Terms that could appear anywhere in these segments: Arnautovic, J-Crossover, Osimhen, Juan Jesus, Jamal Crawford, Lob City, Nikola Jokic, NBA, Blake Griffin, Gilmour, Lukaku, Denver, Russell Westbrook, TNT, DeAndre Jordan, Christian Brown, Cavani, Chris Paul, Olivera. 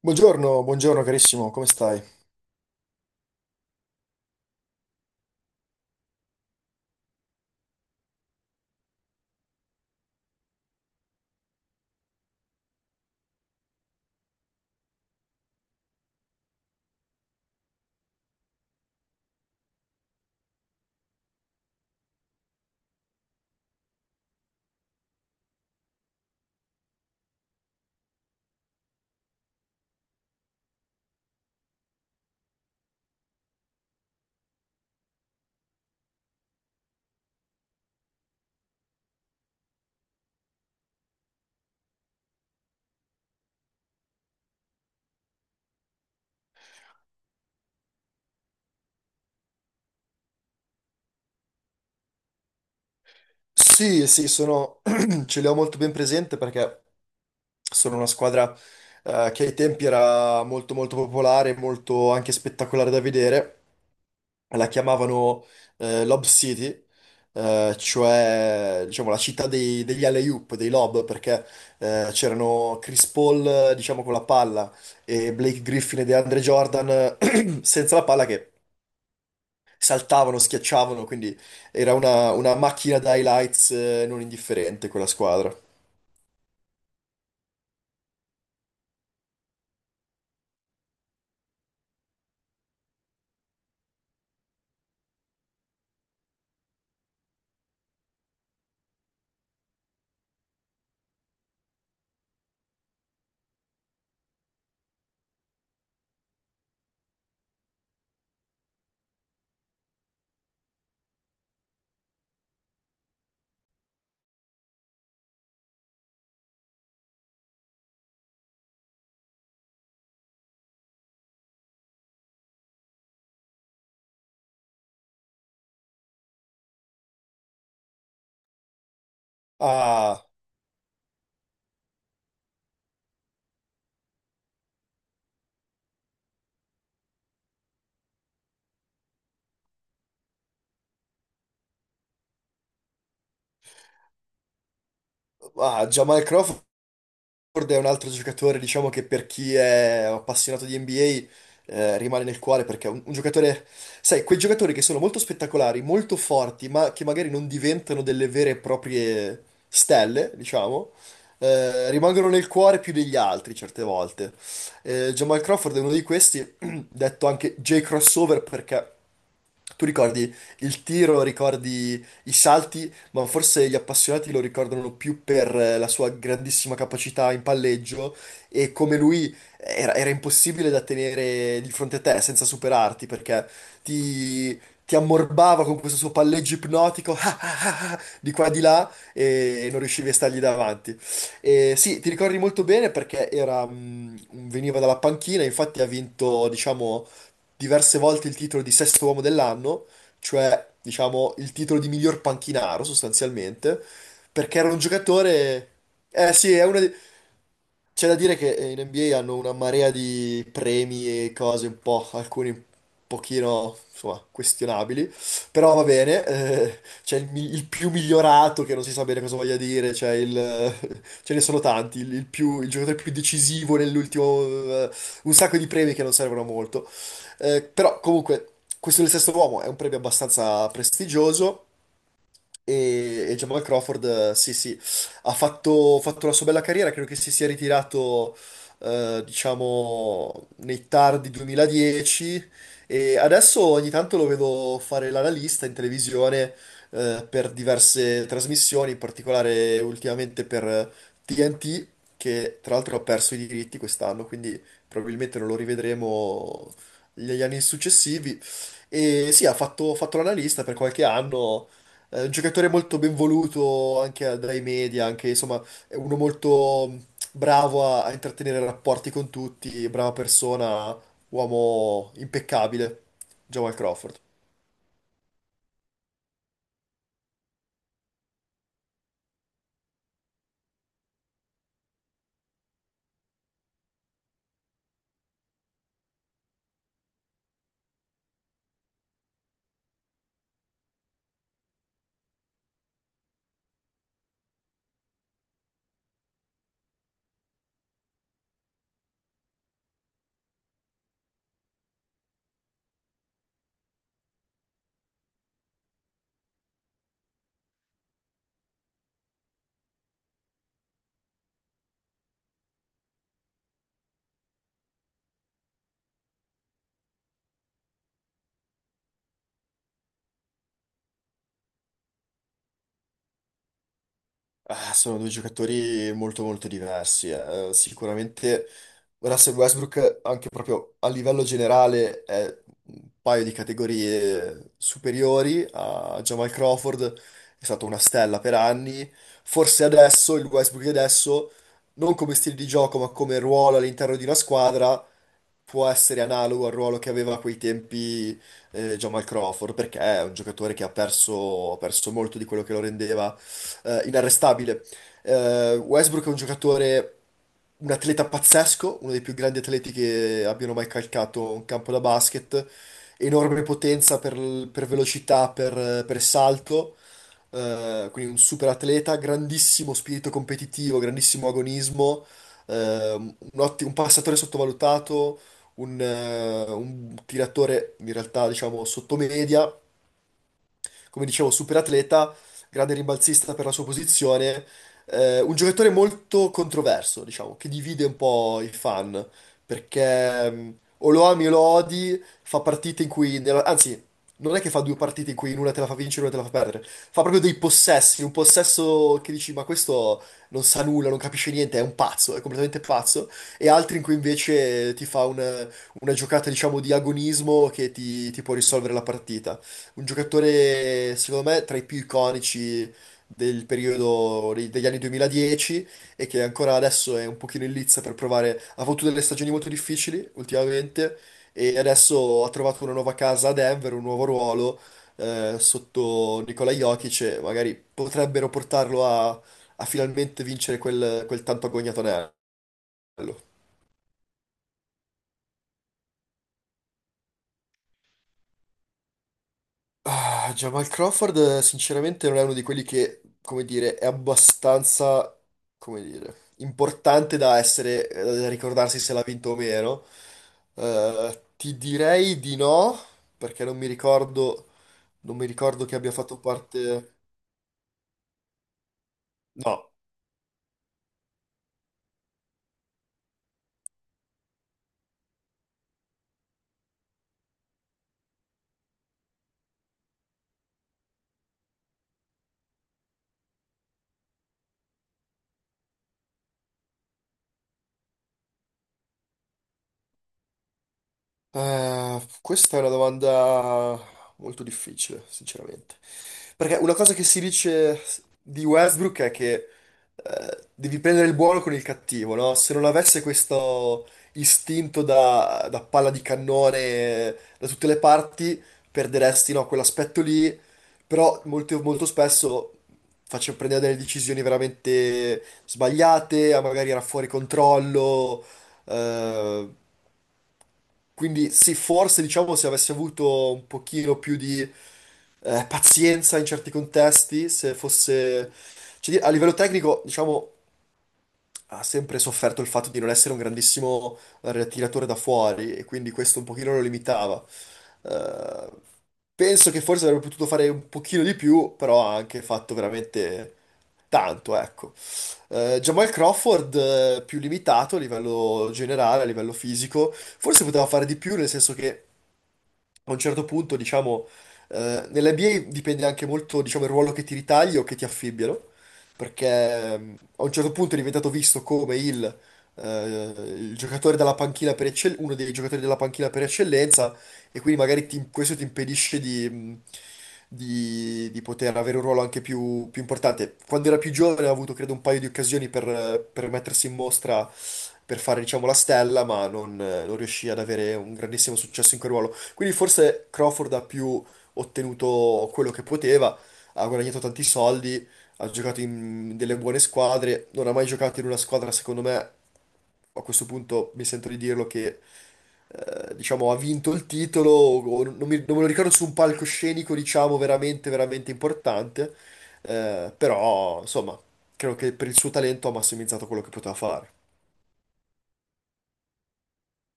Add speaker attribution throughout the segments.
Speaker 1: Buongiorno, buongiorno carissimo, come stai? Sì, sì, ce l'ho molto ben presente perché sono una squadra che ai tempi era molto molto popolare, molto anche spettacolare da vedere. La chiamavano Lob City, cioè diciamo la città degli alley-oop, dei lob, perché c'erano Chris Paul, diciamo con la palla, e Blake Griffin e DeAndre Jordan senza la palla che saltavano, schiacciavano, quindi era una macchina da highlights non indifferente quella squadra. Ah, ah, Jamal Crawford è un altro giocatore, diciamo che per chi è appassionato di NBA rimane nel cuore perché è un giocatore, sai, quei giocatori che sono molto spettacolari, molto forti, ma che magari non diventano delle vere e proprie stelle, diciamo. Rimangono nel cuore più degli altri certe volte. Jamal Crawford è uno di questi, detto anche J-Crossover perché tu ricordi il tiro, ricordi i salti, ma forse gli appassionati lo ricordano più per la sua grandissima capacità in palleggio e come lui era impossibile da tenere di fronte a te senza superarti perché ti, ti ammorbava con questo suo palleggio ipnotico di qua e di là e non riuscivi a stargli davanti. E sì, ti ricordi molto bene perché veniva dalla panchina, infatti ha vinto, diciamo diverse volte il titolo di sesto uomo dell'anno, cioè diciamo il titolo di miglior panchinaro sostanzialmente, perché era un giocatore... Eh sì, c'è da dire che in NBA hanno una marea di premi e cose un po', alcuni un pochino, insomma, questionabili, però va bene, c'è il più migliorato che non si sa bene cosa voglia dire, c'è ce ne sono tanti, il giocatore più decisivo nell'ultimo, un sacco di premi che non servono a molto. Però comunque questo del sesto uomo è un premio abbastanza prestigioso, e Jamal Crawford, sì, sì, ha fatto la sua bella carriera, credo che si sia ritirato, diciamo, nei tardi 2010 e adesso ogni tanto lo vedo fare l'analista in televisione, per diverse trasmissioni, in particolare ultimamente per TNT, che tra l'altro ha perso i diritti quest'anno, quindi probabilmente non lo rivedremo negli anni successivi. E sì, ha fatto l'analista per qualche anno. È un giocatore molto ben voluto anche dai media, anche insomma, è uno molto bravo a intrattenere rapporti con tutti, brava persona, uomo impeccabile, Jamal Crawford. Ah, sono due giocatori molto molto diversi. Sicuramente Russell Westbrook, anche proprio a livello generale, è un paio di categorie superiori a Jamal Crawford, è stato una stella per anni. Forse adesso, il Westbrook di adesso, non come stile di gioco, ma come ruolo all'interno di una squadra, può essere analogo al ruolo che aveva a quei tempi Jamal Crawford, perché è un giocatore che ha perso molto di quello che lo rendeva inarrestabile. Westbrook è un giocatore, un atleta pazzesco, uno dei più grandi atleti che abbiano mai calcato un campo da basket. Enorme potenza per velocità, per salto. Quindi un super atleta, grandissimo spirito competitivo, grandissimo agonismo, eh, un, un passatore sottovalutato, un tiratore in realtà diciamo sottomedia come dicevo, super atleta, grande rimbalzista per la sua posizione, un giocatore molto controverso, diciamo, che divide un po' i fan, perché o lo ami o lo odi, fa partite in cui, anzi, non è che fa due partite in cui in una te la fa vincere e una te la fa perdere, fa proprio dei possessi, un possesso che dici, ma questo non sa nulla, non capisce niente, è un pazzo, è completamente pazzo, e altri in cui invece ti fa un una giocata, diciamo, di agonismo che ti può risolvere la partita. Un giocatore, secondo me, tra i più iconici del periodo degli anni 2010 e che ancora adesso è un pochino in lizza per provare. Ha avuto delle stagioni molto difficili ultimamente e adesso ha trovato una nuova casa a Denver, un nuovo ruolo sotto Nikola Jokic e magari potrebbero portarlo a finalmente vincere quel tanto agognato anello. Ah, Jamal Crawford sinceramente non è uno di quelli che, come dire, è abbastanza, come dire, importante da essere, da ricordarsi se l'ha vinto o meno. Ti direi di no, perché non mi ricordo, non mi ricordo che abbia fatto parte... No. Questa è una domanda molto difficile, sinceramente. Perché una cosa che si dice di Westbrook è che devi prendere il buono con il cattivo, no? Se non avesse questo istinto da palla di cannone da tutte le parti, perderesti, no, quell'aspetto lì. Però molto, molto spesso faccio prendere delle decisioni veramente sbagliate, a magari era fuori controllo. eh, quindi sì, forse diciamo se avessi avuto un pochino più di pazienza in certi contesti, se fosse... cioè, a livello tecnico, diciamo, ha sempre sofferto il fatto di non essere un grandissimo tiratore da fuori e quindi questo un pochino lo limitava. Eh, Penso che forse avrebbe potuto fare un pochino di più, però ha anche fatto veramente tanto, ecco. Jamal Crawford, più limitato a livello generale, a livello fisico, forse poteva fare di più, nel senso che a un certo punto, diciamo, nell'NBA dipende anche molto, diciamo, il ruolo che ti ritagli o che ti affibbiano, perché a un certo punto è diventato visto come eh, il giocatore della panchina per uno dei giocatori della panchina per eccellenza, e quindi magari questo ti impedisce di poter avere un ruolo anche più, più importante. Quando era più giovane ha avuto, credo, un paio di occasioni per mettersi in mostra, per fare, diciamo, la stella, ma non riuscì ad avere un grandissimo successo in quel ruolo. Quindi forse Crawford ha più ottenuto quello che poteva, ha guadagnato tanti soldi, ha giocato in delle buone squadre, non ha mai giocato in una squadra, secondo me, a questo punto mi sento di dirlo che diciamo ha vinto il titolo, o non me lo ricordo su un palcoscenico, diciamo, veramente, veramente importante, però insomma, credo che per il suo talento ha massimizzato quello che poteva fare.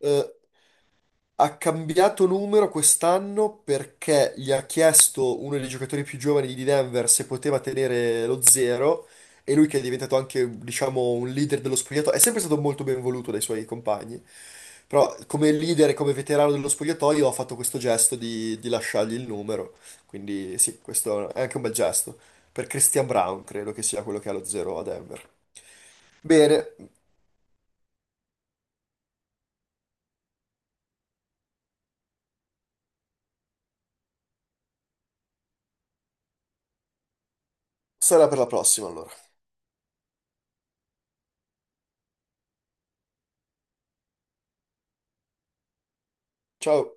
Speaker 1: Eh, Ha cambiato numero quest'anno perché gli ha chiesto uno dei giocatori più giovani di Denver se poteva tenere lo zero e lui che è diventato anche, diciamo, un leader dello spogliatoio, è sempre stato molto ben voluto dai suoi compagni, però come leader e come veterano dello spogliatoio ha fatto questo gesto di, lasciargli il numero, quindi sì, questo è anche un bel gesto. Per Christian Brown credo che sia quello che ha lo zero a Denver. Bene, sarà per la prossima allora. Ciao!